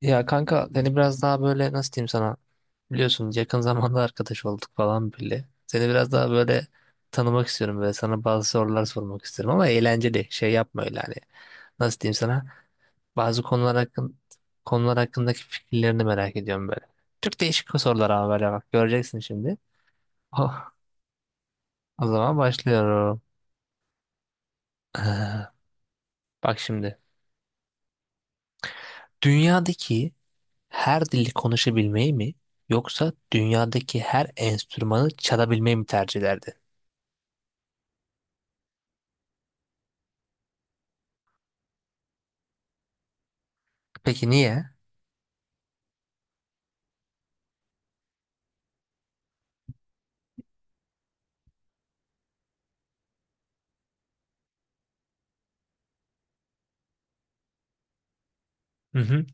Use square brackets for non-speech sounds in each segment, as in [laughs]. Ya kanka seni biraz daha böyle nasıl diyeyim sana biliyorsun yakın zamanda arkadaş olduk falan bile. Seni biraz daha böyle tanımak istiyorum böyle sana bazı sorular sormak istiyorum ama eğlenceli şey yapma öyle hani nasıl diyeyim sana bazı konular hakkın konular hakkındaki fikirlerini merak ediyorum böyle. Çok değişik sorular ama böyle bak göreceksin şimdi. Oh, o zaman başlıyorum. Ee, Bak şimdi dünyadaki her dili konuşabilmeyi mi yoksa dünyadaki her enstrümanı çalabilmeyi mi tercih ederdin? Peki niye? Hı hı.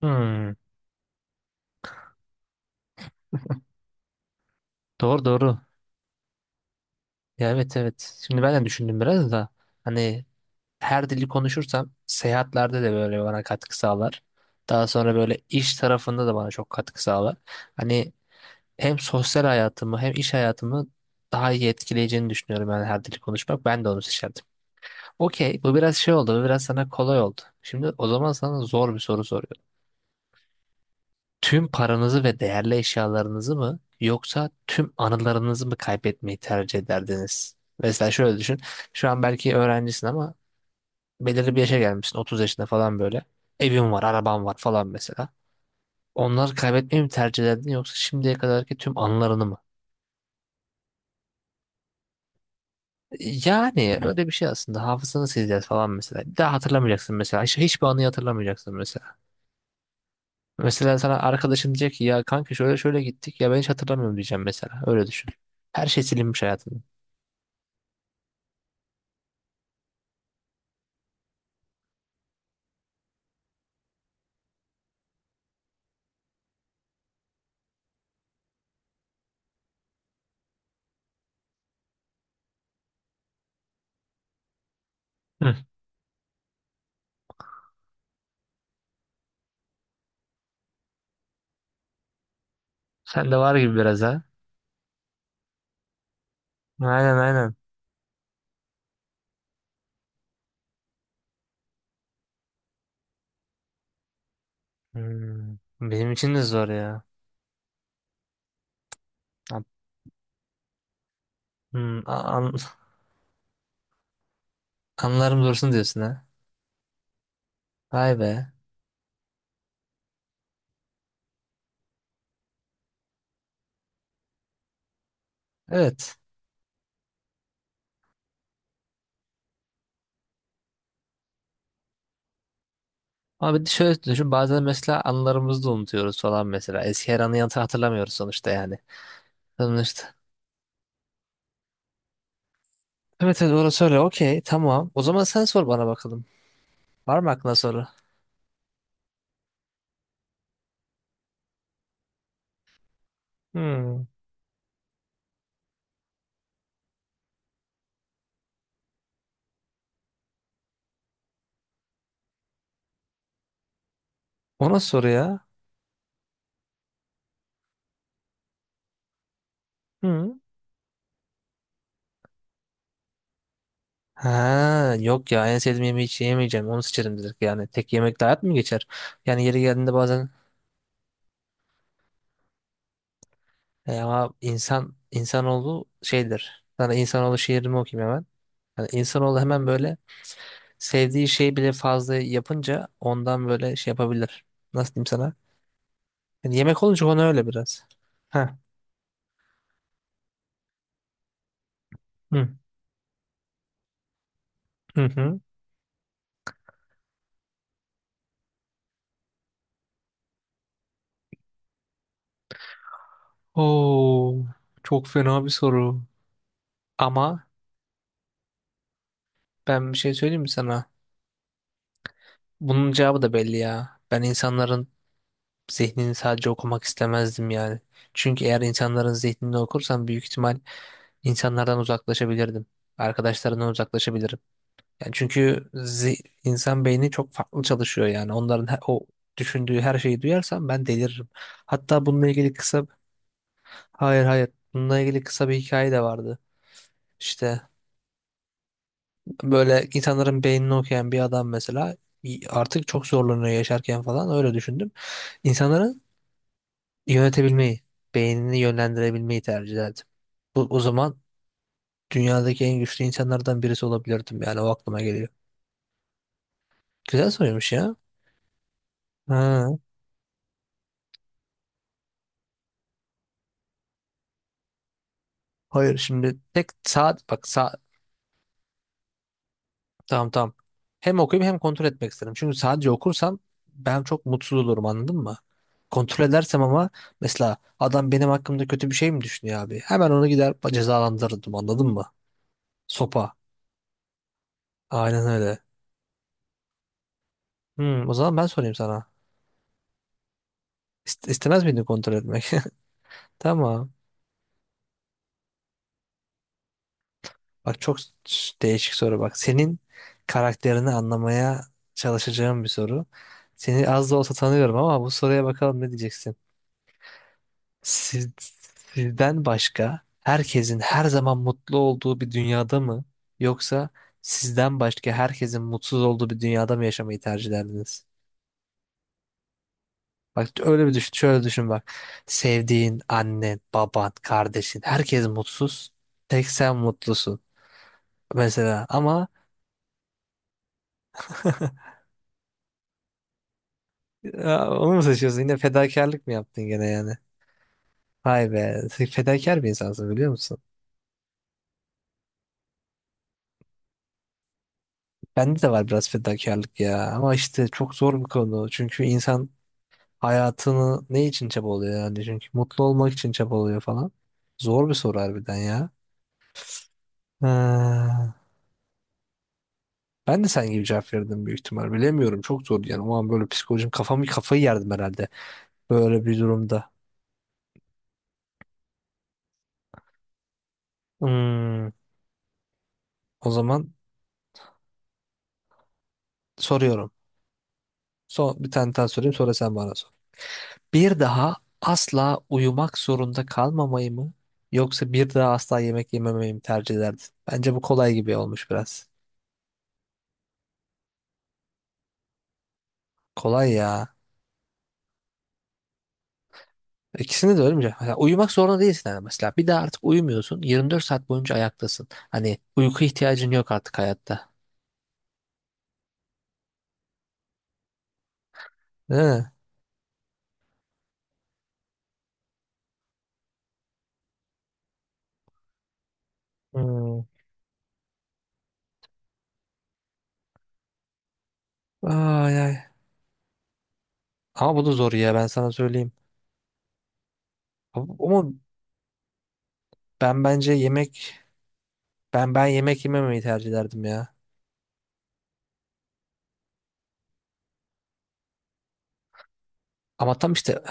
Hmm, doğru doğru. Ya evet evet. Şimdi ben de düşündüm biraz da hani her dili konuşursam seyahatlerde de böyle bana katkı sağlar. Daha sonra böyle iş tarafında da bana çok katkı sağlar. Hani hem sosyal hayatımı hem iş hayatımı daha iyi etkileyeceğini düşünüyorum yani her dili konuşmak. Ben de onu seçerdim. Okey, bu biraz şey oldu, bu biraz sana kolay oldu. Şimdi o zaman sana zor bir soru soruyorum. Tüm paranızı ve değerli eşyalarınızı mı yoksa tüm anılarınızı mı kaybetmeyi tercih ederdiniz? Mesela şöyle düşün. Şu an belki öğrencisin ama belirli bir yaşa gelmişsin, 30 yaşında falan böyle. Evin var, araban var falan mesela. Onları kaybetmeyi mi tercih ederdin yoksa şimdiye kadarki tüm anılarını mı? Yani öyle bir şey aslında. Hafızanı sileceğiz falan mesela. Bir daha hatırlamayacaksın mesela. Hiçbir anıyı hatırlamayacaksın mesela. Mesela sana arkadaşın diyecek ki ya kanka şöyle şöyle gittik ya ben hiç hatırlamıyorum diyeceğim mesela. Öyle düşün. Her şey silinmiş hayatında. Hı. Sen de var gibi biraz ha. Aynen aynen. Hmm, benim için de zor ya. Ha, hmm, anılarım dursun diyorsun ha. Vay be. Evet. Ama bir de şöyle düşün bazen mesela anılarımızı da unutuyoruz falan mesela. Eski her anı yantı hatırlamıyoruz sonuçta yani. Sonuçta. Evet evet orası öyle. Okey tamam. O zaman sen sor bana bakalım. Var mı aklına soru? Hmm. O nasıl soru ya? Hmm. Ha yok ya en sevdiğim yemeği hiç yemeyeceğim onu seçerim dedik yani tek yemekle hayat mı geçer? Yani yeri geldiğinde bazen ama insan insanoğlu şeydir. Sana insanoğlu şiirimi okuyayım hemen. Yani insanoğlu hemen böyle sevdiği şey bile fazla yapınca ondan böyle şey yapabilir. Nasıl diyeyim sana? Yani yemek olunca ona öyle biraz. Ha. Hı. Hı hı. Oo, çok fena bir soru. Ama ben bir şey söyleyeyim mi sana? Bunun cevabı da belli ya. Ben insanların zihnini sadece okumak istemezdim yani. Çünkü eğer insanların zihnini okursam büyük ihtimal insanlardan uzaklaşabilirdim. Arkadaşlarından uzaklaşabilirim. Yani çünkü insan beyni çok farklı çalışıyor yani. Onların o düşündüğü her şeyi duyarsam ben deliririm. Hatta bununla ilgili kısa hayır hayır bununla ilgili kısa bir hikaye de vardı. İşte böyle insanların beynini okuyan bir adam mesela artık çok zorlanıyor yaşarken falan öyle düşündüm. İnsanların yönetebilmeyi, beynini yönlendirebilmeyi tercih ederdim. Bu, o zaman dünyadaki en güçlü insanlardan birisi olabilirdim yani o aklıma geliyor. Güzel soruymuş ya. Ha, hayır şimdi tek saat bak saat tamam tamam. Hem okuyup hem kontrol etmek isterim. Çünkü sadece okursam ben çok mutsuz olurum anladın mı? Kontrol edersem ama mesela adam benim hakkımda kötü bir şey mi düşünüyor abi? Hemen onu gider cezalandırırdım anladın mı? Sopa. Aynen öyle. Hmm, o zaman ben sorayım sana. İstemez miydin kontrol etmek? [laughs] Tamam. Bak çok değişik soru bak. Senin karakterini anlamaya çalışacağım bir soru. Seni az da olsa tanıyorum ama bu soruya bakalım ne diyeceksin. Siz, sizden başka herkesin her zaman mutlu olduğu bir dünyada mı yoksa sizden başka herkesin mutsuz olduğu bir dünyada mı yaşamayı tercih ederdiniz? Bak öyle bir düşün, şöyle düşün bak. Sevdiğin annen, baban, kardeşin herkes mutsuz. Tek sen mutlusun mesela ama [laughs] ya, onu mu seçiyorsun? Yine fedakarlık mı yaptın gene yani? Vay be. Sen fedakar bir insansın biliyor musun? Bende de var biraz fedakarlık ya. Ama işte çok zor bir konu. Çünkü insan hayatını ne için çabalıyor yani? Çünkü mutlu olmak için çabalıyor falan. Zor bir soru harbiden ya. Ha, ben de sen gibi cevap verdim büyük ihtimal. Bilemiyorum. Çok zor yani. O an böyle psikolojim kafamı kafayı yerdim herhalde. Böyle bir durumda. Hmm, o zaman soruyorum. Son, bir tane daha sorayım sonra sen bana sor. Bir daha asla uyumak zorunda kalmamayı mı yoksa bir daha asla yemek yememeyi mi tercih ederdin? Bence bu kolay gibi olmuş biraz. Kolay ya. İkisini de ölmeyecek. Mesela uyumak zorunda değilsin yani mesela. Bir daha artık uyumuyorsun. 24 saat boyunca ayaktasın. Hani uyku ihtiyacın yok artık hayatta. Değil mi? Hmm. Ay ay. Ama bu da zor ya ben sana söyleyeyim. Ama ben bence yemek ben yemek yememeyi tercih ederdim ya. Ama tam işte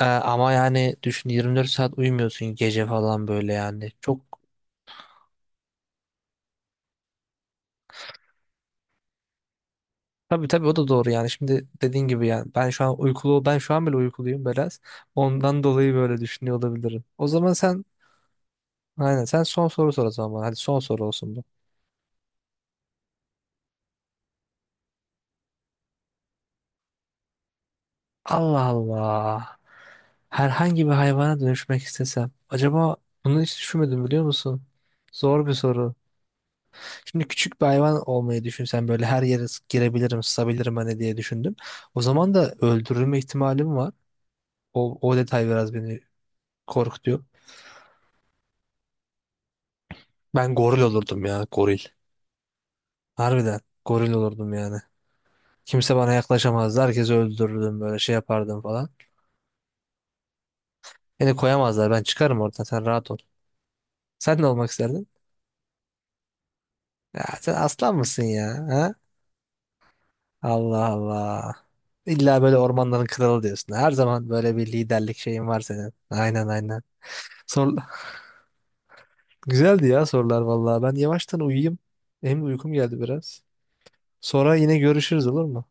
Ama yani düşün 24 saat uyumuyorsun gece falan böyle yani. Çok tabii tabii o da doğru yani. Şimdi dediğin gibi yani ben şu an bile uykuluyum biraz. Ondan dolayı böyle düşünüyor olabilirim. O zaman sen aynen sen son soru sor o zaman. Bana. Hadi son soru olsun bu. Allah Allah. Herhangi bir hayvana dönüşmek istesem. Acaba bunu hiç düşünmedim biliyor musun? Zor bir soru. Şimdi küçük bir hayvan olmayı düşünsen böyle her yere girebilirim, sızabilirim hani diye düşündüm. O zaman da öldürülme ihtimalim var. O detay biraz beni korkutuyor. Ben goril olurdum ya, goril. Harbiden goril olurdum yani. Kimse bana yaklaşamazdı. Herkesi öldürürdüm böyle şey yapardım falan. Beni koyamazlar. Ben çıkarım oradan. Sen rahat ol. Sen ne olmak isterdin? Ya sen aslan mısın ya? Ha? Allah Allah. İlla böyle ormanların kralı diyorsun. Her zaman böyle bir liderlik şeyin var senin. Aynen aynen. Sor, güzeldi ya sorular vallahi. Ben yavaştan uyuyayım. Hem uykum geldi biraz. Sonra yine görüşürüz olur mu?